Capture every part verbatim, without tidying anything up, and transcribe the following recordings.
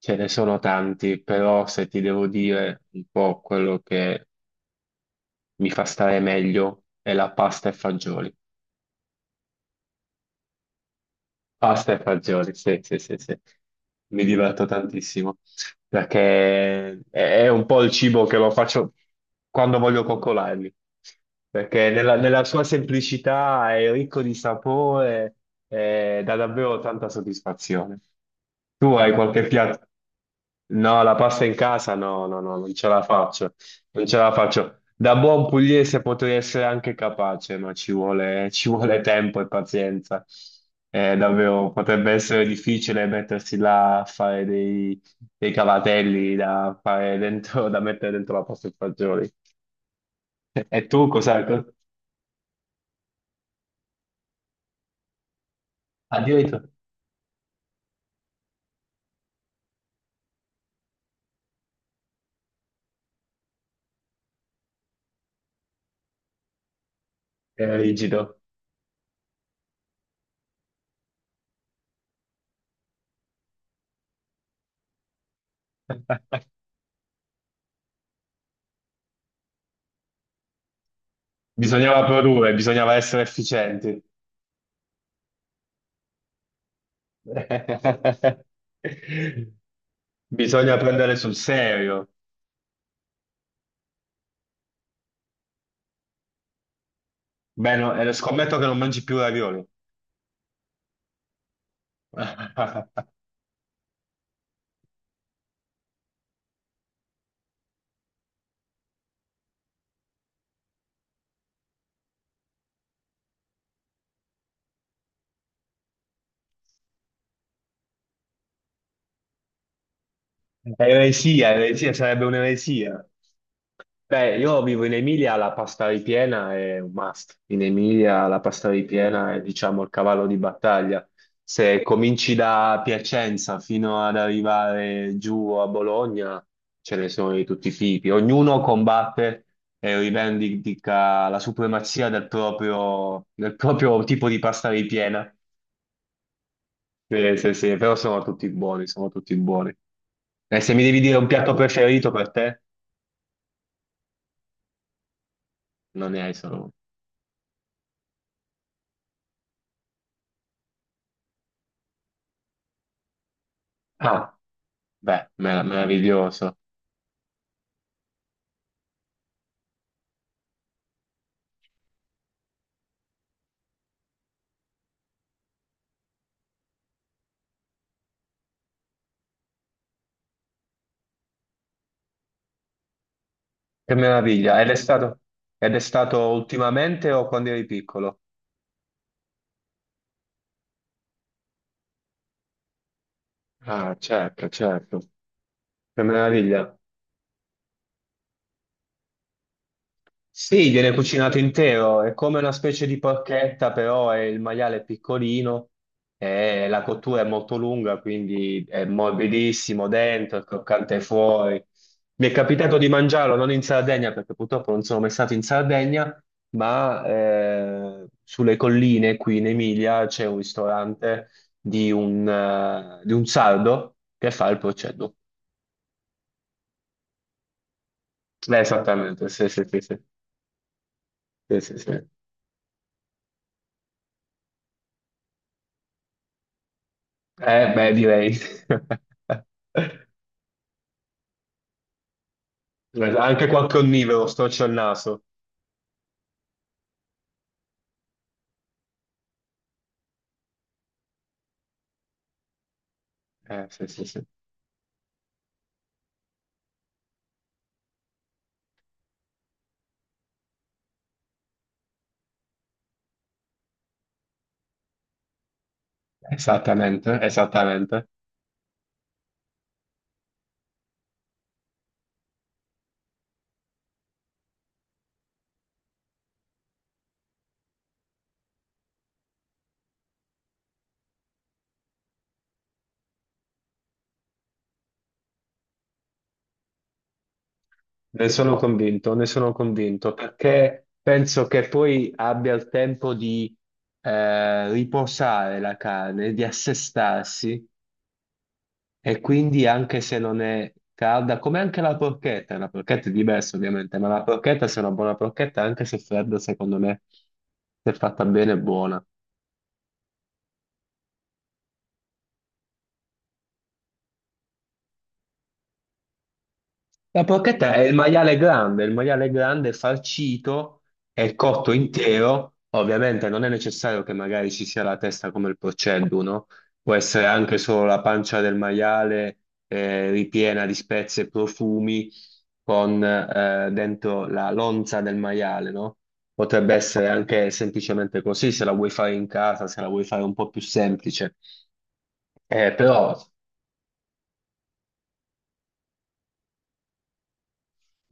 Ce ne sono tanti, però se ti devo dire un po' quello che mi fa stare meglio è la pasta e fagioli. Pasta e fagioli, sì, sì, sì, sì. Mi diverto tantissimo perché è un po' il cibo che lo faccio quando voglio coccolarmi, perché nella, nella sua semplicità è ricco di sapore e dà davvero tanta soddisfazione. Tu La hai pasta qualche in piatto? Casa. No, la pasta in casa no, no, no, non ce la faccio, non ce la faccio. Da buon pugliese potrei essere anche capace, ma ci vuole, ci vuole tempo e pazienza. Eh, davvero, potrebbe essere difficile mettersi là a fare dei, dei cavatelli da fare dentro, da mettere dentro la pasta e fagioli. E tu cos'hai? Addirittura è rigido. Bisognava produrre, bisognava essere efficienti. Bisogna prendere sul serio. Beh, no, eh, scommetto che non mangi più ravioli. Eresia, eresia, sarebbe un'eresia. Beh, io vivo in Emilia, la pasta ripiena è un must. In Emilia la pasta ripiena è, diciamo, il cavallo di battaglia. Se cominci da Piacenza fino ad arrivare giù a Bologna, ce ne sono di tutti i tipi. Ognuno combatte e rivendica la supremazia del proprio, del proprio tipo di pasta ripiena. Sì, sì, sì, però sono tutti buoni, sono tutti buoni. E se mi devi dire un piatto preferito per te, non ne hai solo uno. Ah, beh, mer- meraviglioso. Che meraviglia. Ed è stato, ed è stato ultimamente o quando eri piccolo? Ah, certo, certo. Che meraviglia. Sì, viene cucinato intero, è come una specie di porchetta, però è il maiale è piccolino e la cottura è molto lunga, quindi è morbidissimo dentro, è croccante fuori. Mi è capitato di mangiarlo non in Sardegna, perché purtroppo non sono mai stato in Sardegna, ma eh, sulle colline qui in Emilia c'è un ristorante di un, eh, di un sardo che fa il proceduto. Eh, esattamente, sì, sì, sì, sì, sì, sì, sì. Eh, beh, direi. Guarda, anche qua connivoro, storce il naso. Eh, sì, sì, sì. Esattamente, esattamente. Ne sono convinto, ne sono convinto, perché penso che poi abbia il tempo di eh, riposare la carne, di assestarsi, e quindi anche se non è calda, come anche la porchetta, la porchetta è diversa ovviamente, ma la porchetta, se è una buona porchetta, anche se fredda, secondo me, se fatta bene, è buona. La porchetta è il maiale grande, il maiale grande farcito e cotto intero. Ovviamente non è necessario che magari ci sia la testa come il porcello, no? Può essere anche solo la pancia del maiale eh, ripiena di spezie e profumi con eh, dentro la lonza del maiale, no? Potrebbe essere anche semplicemente così, se la vuoi fare in casa, se la vuoi fare un po' più semplice. Eh, però.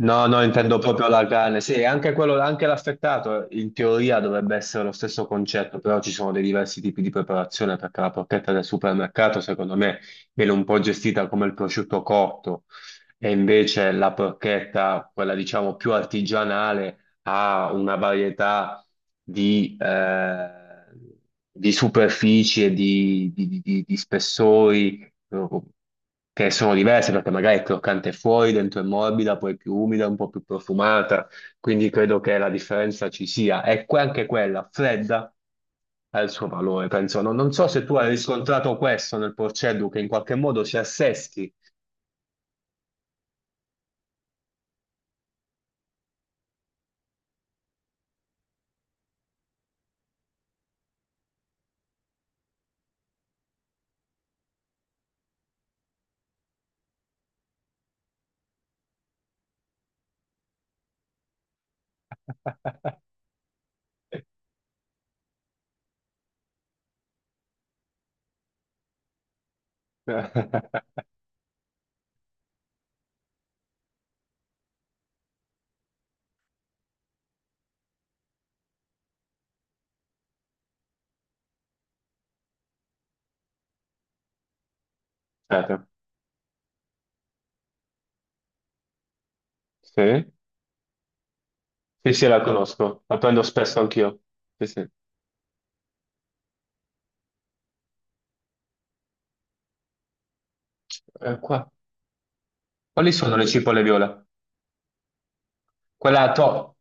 No, no, intendo proprio la carne. Sì, anche quello, anche l'affettato in teoria dovrebbe essere lo stesso concetto, però ci sono dei diversi tipi di preparazione perché la porchetta del supermercato, secondo me, viene un po' gestita come il prosciutto cotto e invece la porchetta, quella diciamo più artigianale, ha una varietà di, eh, di superfici e di, di di- di- di spessori che sono diverse perché magari è croccante fuori, dentro è morbida, poi è più umida, un po' più profumata, quindi credo che la differenza ci sia. E que- anche quella fredda ha il suo valore, penso. Non, non so se tu hai riscontrato questo nel Porceddu, che in qualche modo si assesti. Aspetta. Sì? Sì, sì, la conosco, la prendo spesso anch'io. Sì, sì. Eh, qua. Quali sono le cipolle viola? Quella a to-.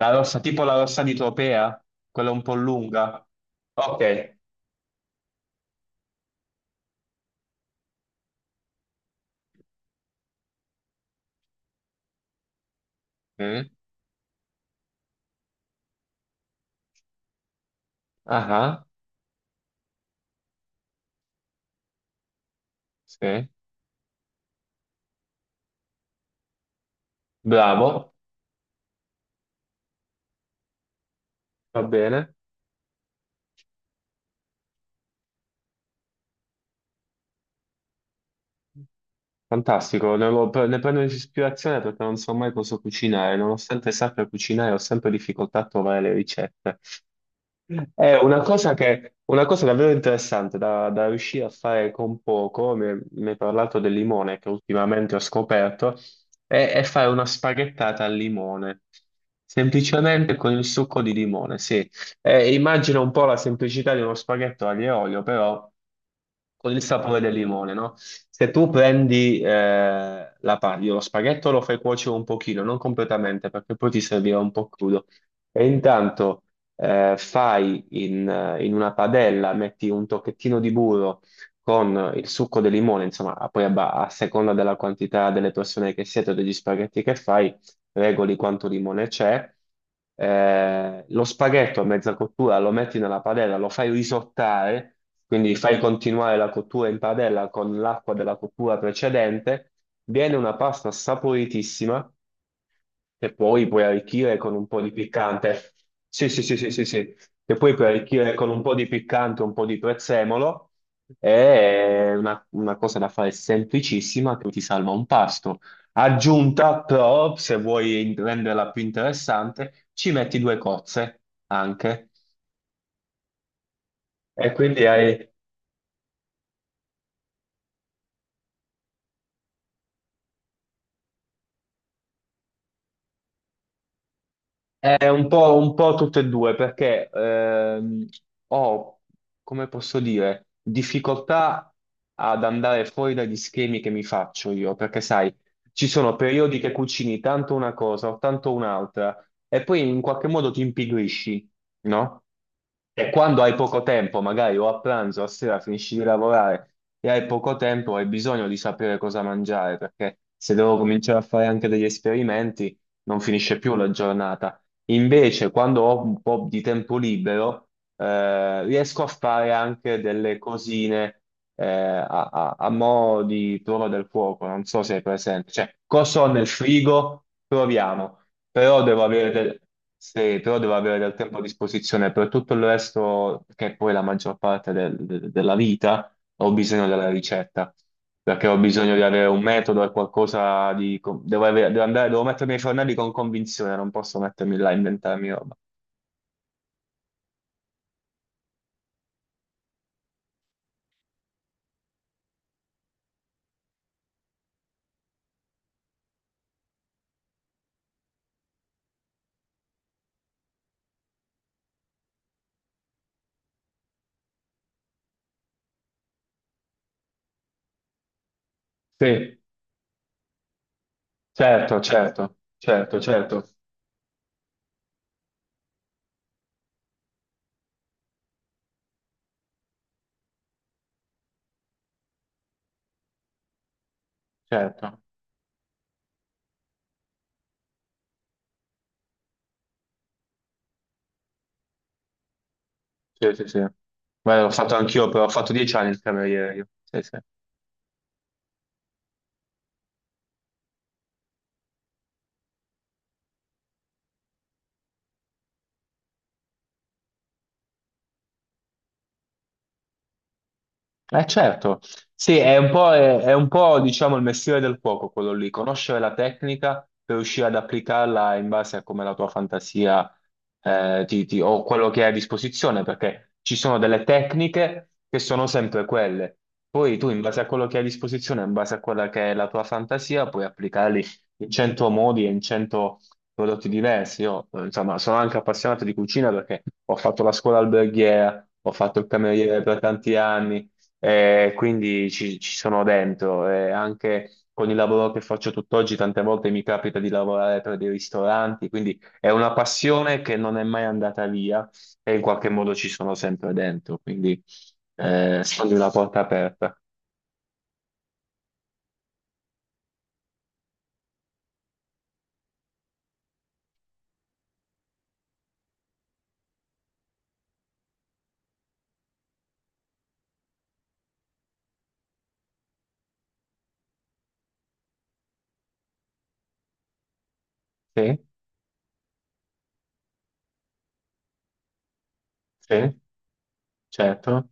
La rossa, tipo la rossa di Tropea, quella un po' lunga. Ok. Mm. Ah, ah. Sì. Bravo, va bene. Fantastico, ne, avevo- pre- ne prendo ispirazione perché non so mai cosa cucinare, nonostante sappia cucinare ho sempre difficoltà a trovare le ricette. È una cosa che, una cosa davvero interessante da, da riuscire a fare con poco, mi mi hai parlato del limone che ultimamente ho scoperto, è, è fare una spaghettata al limone, semplicemente con il succo di limone, sì. Eh, immagino un po' la semplicità di uno spaghetto aglio e olio, però con il sapore del limone, no? Se tu prendi eh, la paglia, lo spaghetto lo fai cuocere un pochino, non completamente, perché poi ti servirà un po' crudo e intanto eh, fai in, eh, in una padella, metti un tocchettino di burro con il succo del limone, insomma, poi a, ba- a seconda della quantità delle persone che siete o degli spaghetti che fai, regoli quanto limone c'è. Eh, lo spaghetto a mezza cottura lo metti nella padella, lo fai risottare, quindi fai continuare la cottura in padella con l'acqua della cottura precedente. Viene una pasta saporitissima e poi puoi arricchire con un po' di piccante. Sì, sì, sì, sì, sì, sì. E poi puoi arricchire con un po' di piccante, un po' di prezzemolo. È una, una cosa da fare semplicissima che ti salva un pasto. Aggiunta, però, se vuoi renderla più interessante, ci metti due cozze anche. E quindi hai. È un po', un po' tutte e due, perché ehm, ho, come posso dire, difficoltà ad andare fuori dagli schemi che mi faccio io, perché sai, ci sono periodi che cucini tanto una cosa o tanto un'altra, e poi in qualche modo ti impigrisci, no? E quando hai poco tempo, magari o a pranzo o a sera finisci di lavorare e hai poco tempo, hai bisogno di sapere cosa mangiare, perché se devo cominciare a fare anche degli esperimenti, non finisce più la giornata. Invece, quando ho un po' di tempo libero, eh, riesco a fare anche delle cosine eh, a, a, a mo' di prova del fuoco. Non so se è presente. Cioè, cosa ho nel frigo? Proviamo. Però devo avere del, sì, però devo avere del tempo a disposizione per tutto il resto, che è poi la maggior parte del- de- della vita ho bisogno della ricetta, perché ho bisogno di avere un metodo e qualcosa di... co- Devo, avere- devo andare, devo mettermi ai fornelli con convinzione, non posso mettermi là a inventarmi roba. Sì, certo, certo, certo, certo, certo. Sì, sì, sì. Beh, l'ho fatto anch'io, però ho fatto dieci anni il cameriere io. Sì, sì. Eh certo, sì, è un po', è- è un po', diciamo il mestiere del cuoco quello lì, conoscere la tecnica per riuscire ad applicarla in base a come la tua fantasia eh, ti- ti- o quello che hai a disposizione, perché ci sono delle tecniche che sono sempre quelle. Poi tu in base a quello che hai a disposizione, in base a quella che è la tua fantasia, puoi applicarli in cento modi e in cento prodotti diversi. Io, eh, insomma, sono anche appassionato di cucina perché ho fatto la scuola alberghiera, ho fatto il cameriere per tanti anni e quindi ci, ci sono dentro. E anche con il lavoro che faccio tutt'oggi, tante volte mi capita di lavorare per dei ristoranti, quindi è una passione che non è mai andata via e in qualche modo ci sono sempre dentro, quindi eh, sono di una porta aperta. Sì, sì, certo.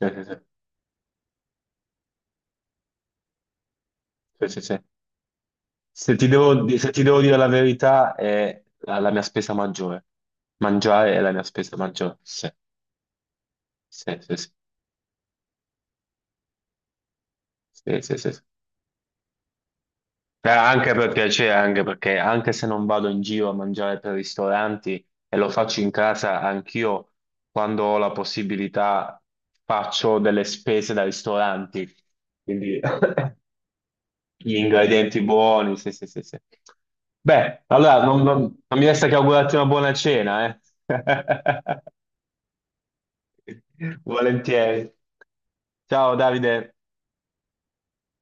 Sì, sì, sì. Sì, sì, sì. Se ti devo, di- se ti devo dire la verità, è la, la mia spesa maggiore. Mangiare è la mia spesa maggiore. Sì, sì, sì, sì, sì, sì, sì, sì. Eh, anche per piacere, anche perché anche se non vado in giro a mangiare per ristoranti e lo faccio in casa, anch'io quando ho la possibilità faccio delle spese da ristoranti, quindi gli ingredienti buoni, sì, sì, sì, sì. Beh, allora non, non- non mi resta che augurarti una buona cena, eh. Volentieri. Ciao Davide.